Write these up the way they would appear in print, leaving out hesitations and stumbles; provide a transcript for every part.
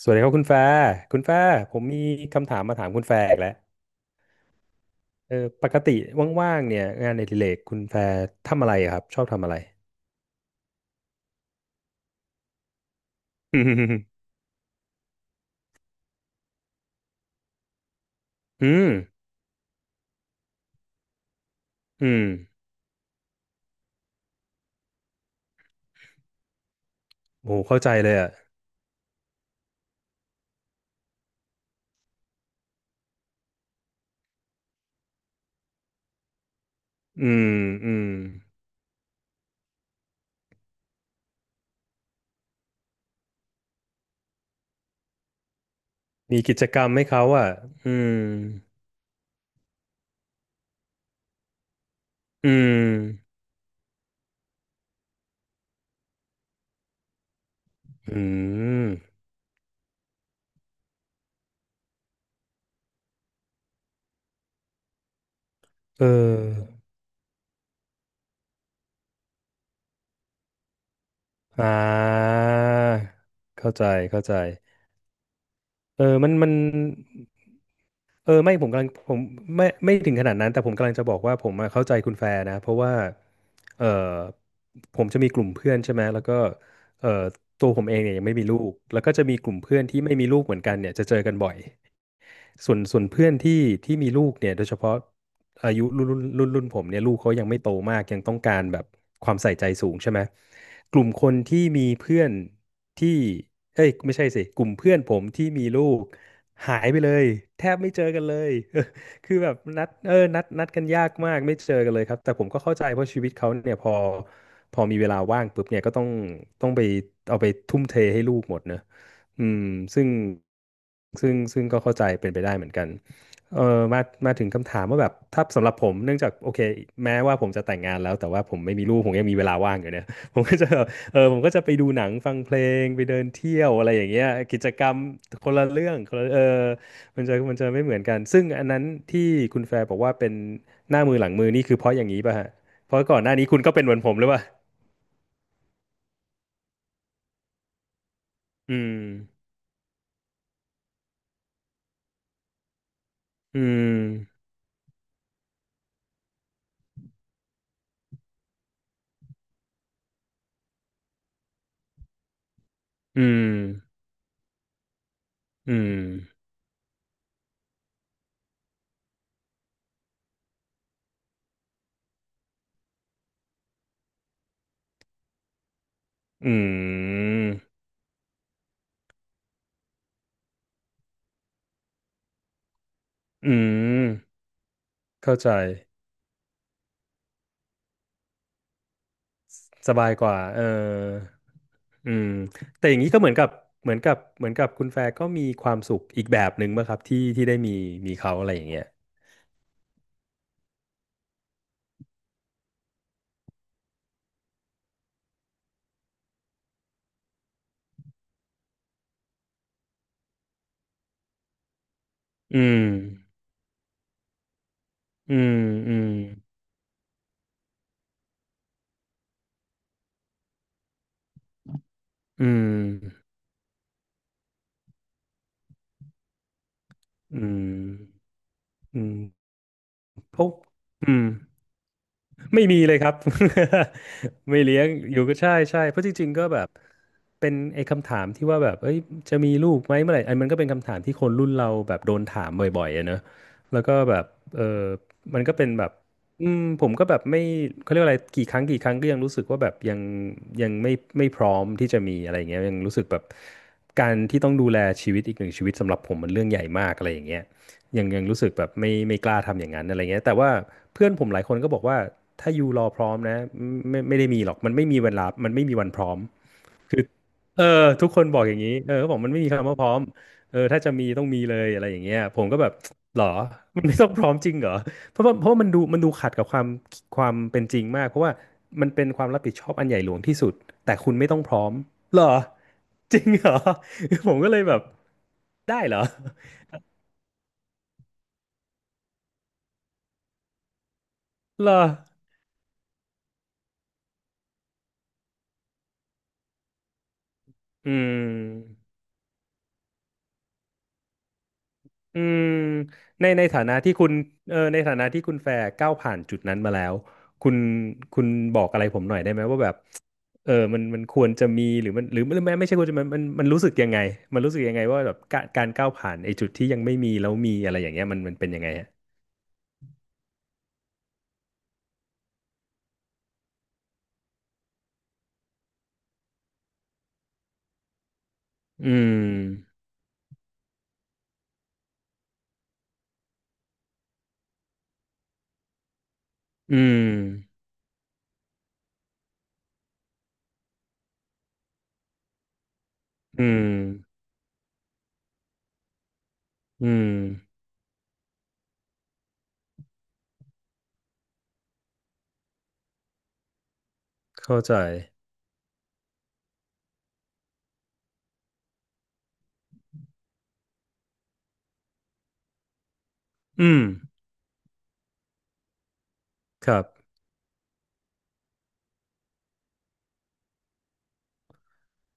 สวัสดีครับคุณแฟร์คุณแฟร์ผมมีคำถามมาถามคุณแฟร์อีกแล้วเออปกติว่างๆเนี่ยงานอดิเรกคุณแฟร์ทำอะไรอะครับชอบทำอะไรอืมอืมอืมโหเข้าใจเลยอ่ะอืมอืมมีกิจกรรมให้เขาอ่ะอืมอืมอืมเอออ่าเข้าใจเข้าใจมัน ไม่ผมกำลังไม่ถึงขนาดนั้นแต่ผมกำลังจะบอกว่าผมอะเข้าใจคุณแฟร์นะเพราะว่าเออผมจะมีกลุ่มเพื่อนใช่ไหมแล้วก็เออ ตัวผมเองเนี่ยยังไม่มีลูกแล้วก็จะมีกลุ่มเพื่อนที่ไม่มีลูกเหมือนกันเนี่ยจะเจอกันบ่อยส่วนเพื่อนที่ที่มีลูกเนี่ยโดยเฉพาะอายุรุ่นผมเนี่ยลูกเขายังไม่โตมากยังต้องการแบบความใส่ใจสูงใช่ไหมกลุ่มคนที่มีเพื่อนที่เอ้ยไม่ใช่สิกลุ่มเพื่อนผมที่มีลูกหายไปเลยแทบไม่เจอกันเลย คือแบบนัดนัดกันยากมากไม่เจอกันเลยครับแต่ผมก็เข้าใจเพราะชีวิตเขาเนี่ยพอพอมีเวลาว่างปุ๊บเนี่ยก็ต้องไปเอาไปทุ่มเทให้ลูกหมดเนอะอืมซึ่งซึ่งก็เข้าใจเป็นไปได้เหมือนกันเออมามาถึงคำถามว่าแบบถ้าสำหรับผมเนื่องจากโอเคแม้ว่าผมจะแต่งงานแล้วแต่ว่าผมไม่มีลูกผมยังมีเวลาว่างอยู่เนี่ย ผมก็จะผมก็จะไปดูหนังฟังเพลงไปเดินเที่ยวอะไรอย่างเงี้ยกิจกรรมคนละเรื่องคนละมันจะไม่เหมือนกันซึ่งอันนั้นที่คุณแฟร์บอกว่าเป็นหน้ามือหลังมือนี่คือเพราะอย่างนี้ป่ะฮะเพราะก่อนหน้านี้คุณก็เป็นเหมือนผมหรือเปล่าอืมอืมอืมอืมอืมอืมเข้าใจสบายกว่าอืมแต่อย่างนี้ก็เหมือนกับเหมือนกับคุณแฟร์ก็มีความสุขอีกแบบหนึ่งป่ะครับที่ที่ได้มีมีเขาอะไรอย่างเงี้ยอืมอืมอืมอืมอืมอืม เพราะอืมไม่มีเลยครับ ไม่เลี้ยงอยู่ก็ใช่ใช่เพราะจริงๆก็แบบเป็นไอ้คำถามที่ว่าแบบเอ้ยจะมีลูกไหมเมื่อไหร่อันมันก็เป็นคำถามที่คนรุ่นเราแบบโดนถามบ่อยๆอะเนอะแล้วก็แบบเออมันก็เป็นแบบอืมผมก็แบบไม่เขาเรียกว่าอะไรกี่ครั้งก็ยังรู้สึกว่าแบบยังยังไม่พร้อมที่จะมีอะไรอย่างเงี้ยยังรู้สึกแบบการที่ต้องดูแลชีวิตอีกหนึ่งชีวิตสำหรับผมมันเรื่องใหญ่มากอะไรอย่างเงี้ย ยังยังรู้สึกแบบไม่กล้าทำอย่างนั้นอะไรเงี้ยแต่ว่าเพื่อนผมหลายคนก็บอกว่าถ้ายูรอพร้อมนะไม่ได้มีหรอกมันไม่มีเวลามันไม่มีวันพร้อมคือเออทุกคนบอกอย่างนี้เออเขาบอกมันไม่มีคำว่าพร้อมเออถ้าจะมีต้องมีเลยอะไรอย่างเงี้ยผมก็แบบหรอมันไม่ต้องพร้อมจริงเหรอเพราะว่ามันดูขัดกับความเป็นจริงมากเพราะว่ามันเป็นความรับผิดชอบอันใหญ่หลวงที่สุดแต่คุณไม่ต้องพร้อมเหรอจริงเหรอ ผมก็เลยแบบได้เหรอเหรอ อืมอืมในฐานะที่คุณในฐานะที่คุณแฟร์ก้าวผ่านจุดนั้นมาแล้วคุณคุณบอกอะไรผมหน่อยได้ไหมว่าแบบมันควรจะมีหรือมันหรือไม่ไม่ใช่ควรจะมันรู้สึกยังไงมันรู้สึกยังไงว่าแบบการก้าวผ่านไอ้จุดที่ยังไม่มีแล้วมีอะไรอย่างเงี้ยมันเป็นยังไงฮะอืมอืมอืมอืมเข้าใจอืมครับ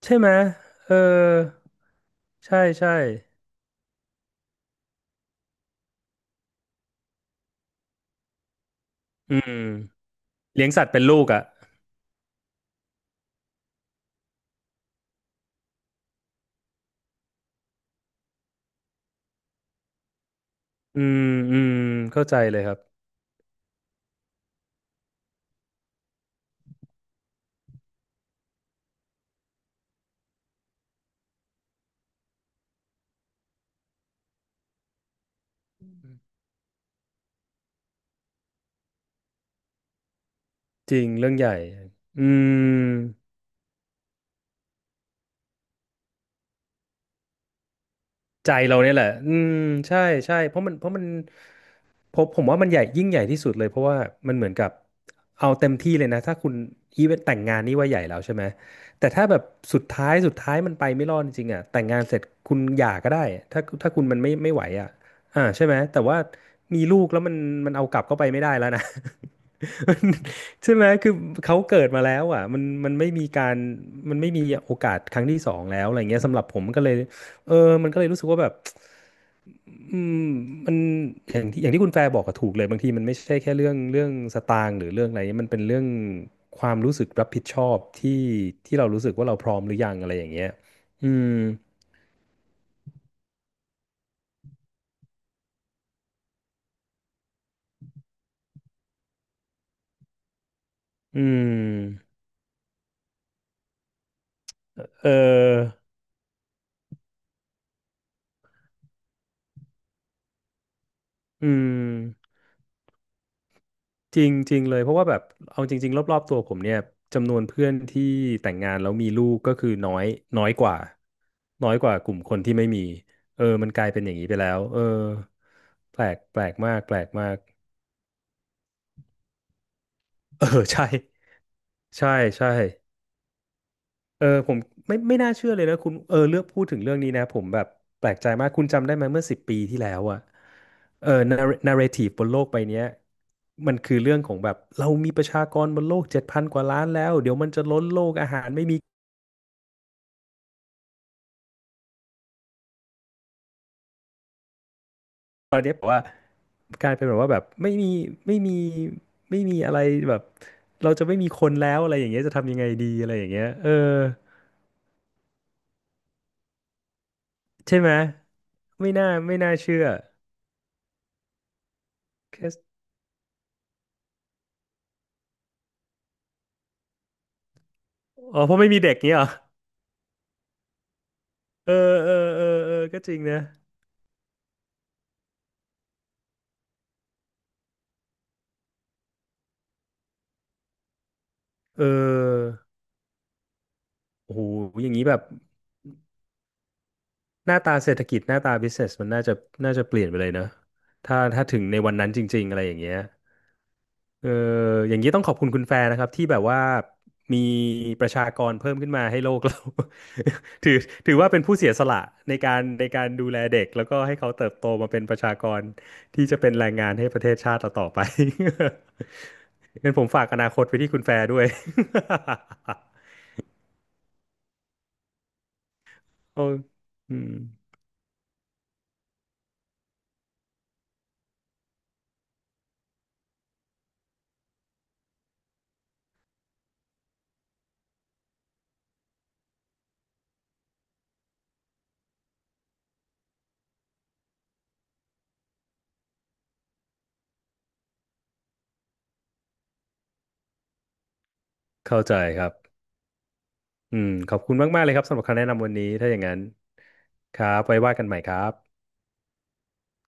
ใช่ไหมเออใช่ใช่อืม เลี้ยงสัตว์เป็นลูกอ่ะ อืม อืม เข้าใจเลยครับ จริงเรื่องใหญ่ อืม ใจเราเนี่ยแหละ อืม ใช่ใช่เพราะมันเพราะมัน ผมว่ามันใหญ่ยิ่งใหญ่ที่สุดเลยเพราะว่ามันเหมือนกับเอาเต็มที่เลยนะถ้าคุณอีเวนต์แต่งงานนี่ว่าใหญ่แล้วใช่ไหมแต่ถ้าแบบสุดท้ายมันไปไม่รอดจริงๆอ่ะแต่งงานเสร็จคุณหย่าก็ได้ถ้าคุณมันไม่ไหวอ่ะอ่าใช่ไหมแต่ว่ามีลูกแล้วมันมันเอากลับเข้าไปไม่ได้แล้วนะ มันใช่ไหมคือเขาเกิดมาแล้วอ่ะมันไม่มีการมันไม่มีโอกาสครั้งที่สองแล้วอะไรเงี้ยสำหรับผมก็เลยเออมันก็เลยรู้สึกว่าแบบ อืมมันอย่างที่คุณแฟร์บอกก็ถูกเลยบางทีมันไม่ใช่แค่เรื่องสตางค์หรือเรื่องอะไรมันเป็นเรื่องความรู้สึกรับผิดชอบที่ที่เรารู้สึกว่าเราพร้อมหรือยังอะไรอย่างเงี้ยอืมอืมเอออืมจริงจริงเลยเพราะว่าแบบเอาจริงๆรอบๆตัวผมเนี่ยจำนวนเพื่อนที่แต่งงานแล้วมีลูกก็คือน้อยน้อยกว่าน้อยกว่ากลุ่มคนที่ไม่มีเออมันกลายเป็นอย่างนี้ไปแล้วเออแปลกแปลกมากเออใช่ ใช่ใช่เออผมไม่น่าเชื่อเลยนะคุณเออเลือกพูดถึงเรื่องนี้นะผมแบบแปลกใจมากคุณจำได้ไหมเมื่อ10 ปีที่แล้วอะเออนาร์เรทีฟบนโลกใบเนี้ยมันคือเรื่องของแบบเรามีประชากรบนโลก7 พันกว่าล้านแล้วเดี๋ยวมันจะล้นโลกอาหารไม่มีตอนเนี้ยแบบว่ากลายเป็นแบบว่าแบบไม่มีไม่มีอะไรแบบเราจะไม่มีคนแล้วอะไรอย่างเงี้ยจะทำยังไงดีอะไรอย่างเงี้ยเออใช่ไหมไม่น่าเชื่อแค่อ๋อเพราะไม่มีเด็กเงี้ยเหรอ เออเออก็จริงนะเออโอ้โหอย่างนี้แบบหน้าตาเศรษฐกิจหน้าตาบิสเ s สมันน่าจะน่าจะเปลี่ยนไปเลยเนอะถ้าถึงในวันนั้นจริงๆอะไรอย่างเงี้ยเอออย่างนี้ต้องขอบคุณคุณแฟนนะครับที่แบบว่ามีประชากรเพิ่มขึ้นมาให้โลกเรา ถือถือว่าเป็นผู้เสียสละในการดูแลเด็กแล้วก็ให้เขาเติบโตมาเป็นประชากรที่จะเป็นแรงงานให้ประเทศชาติเราต่อไป งั้นผมฝากอนาคตไปที่คุณแฟร์ด้วย โอ้อืมเข้าใจครับอืมขอบคุณมากๆเลยครับสำหรับคำแนะนำวันนี้ถ้าอย่างนั้นครับไว้ว่ากันใหม่ครับ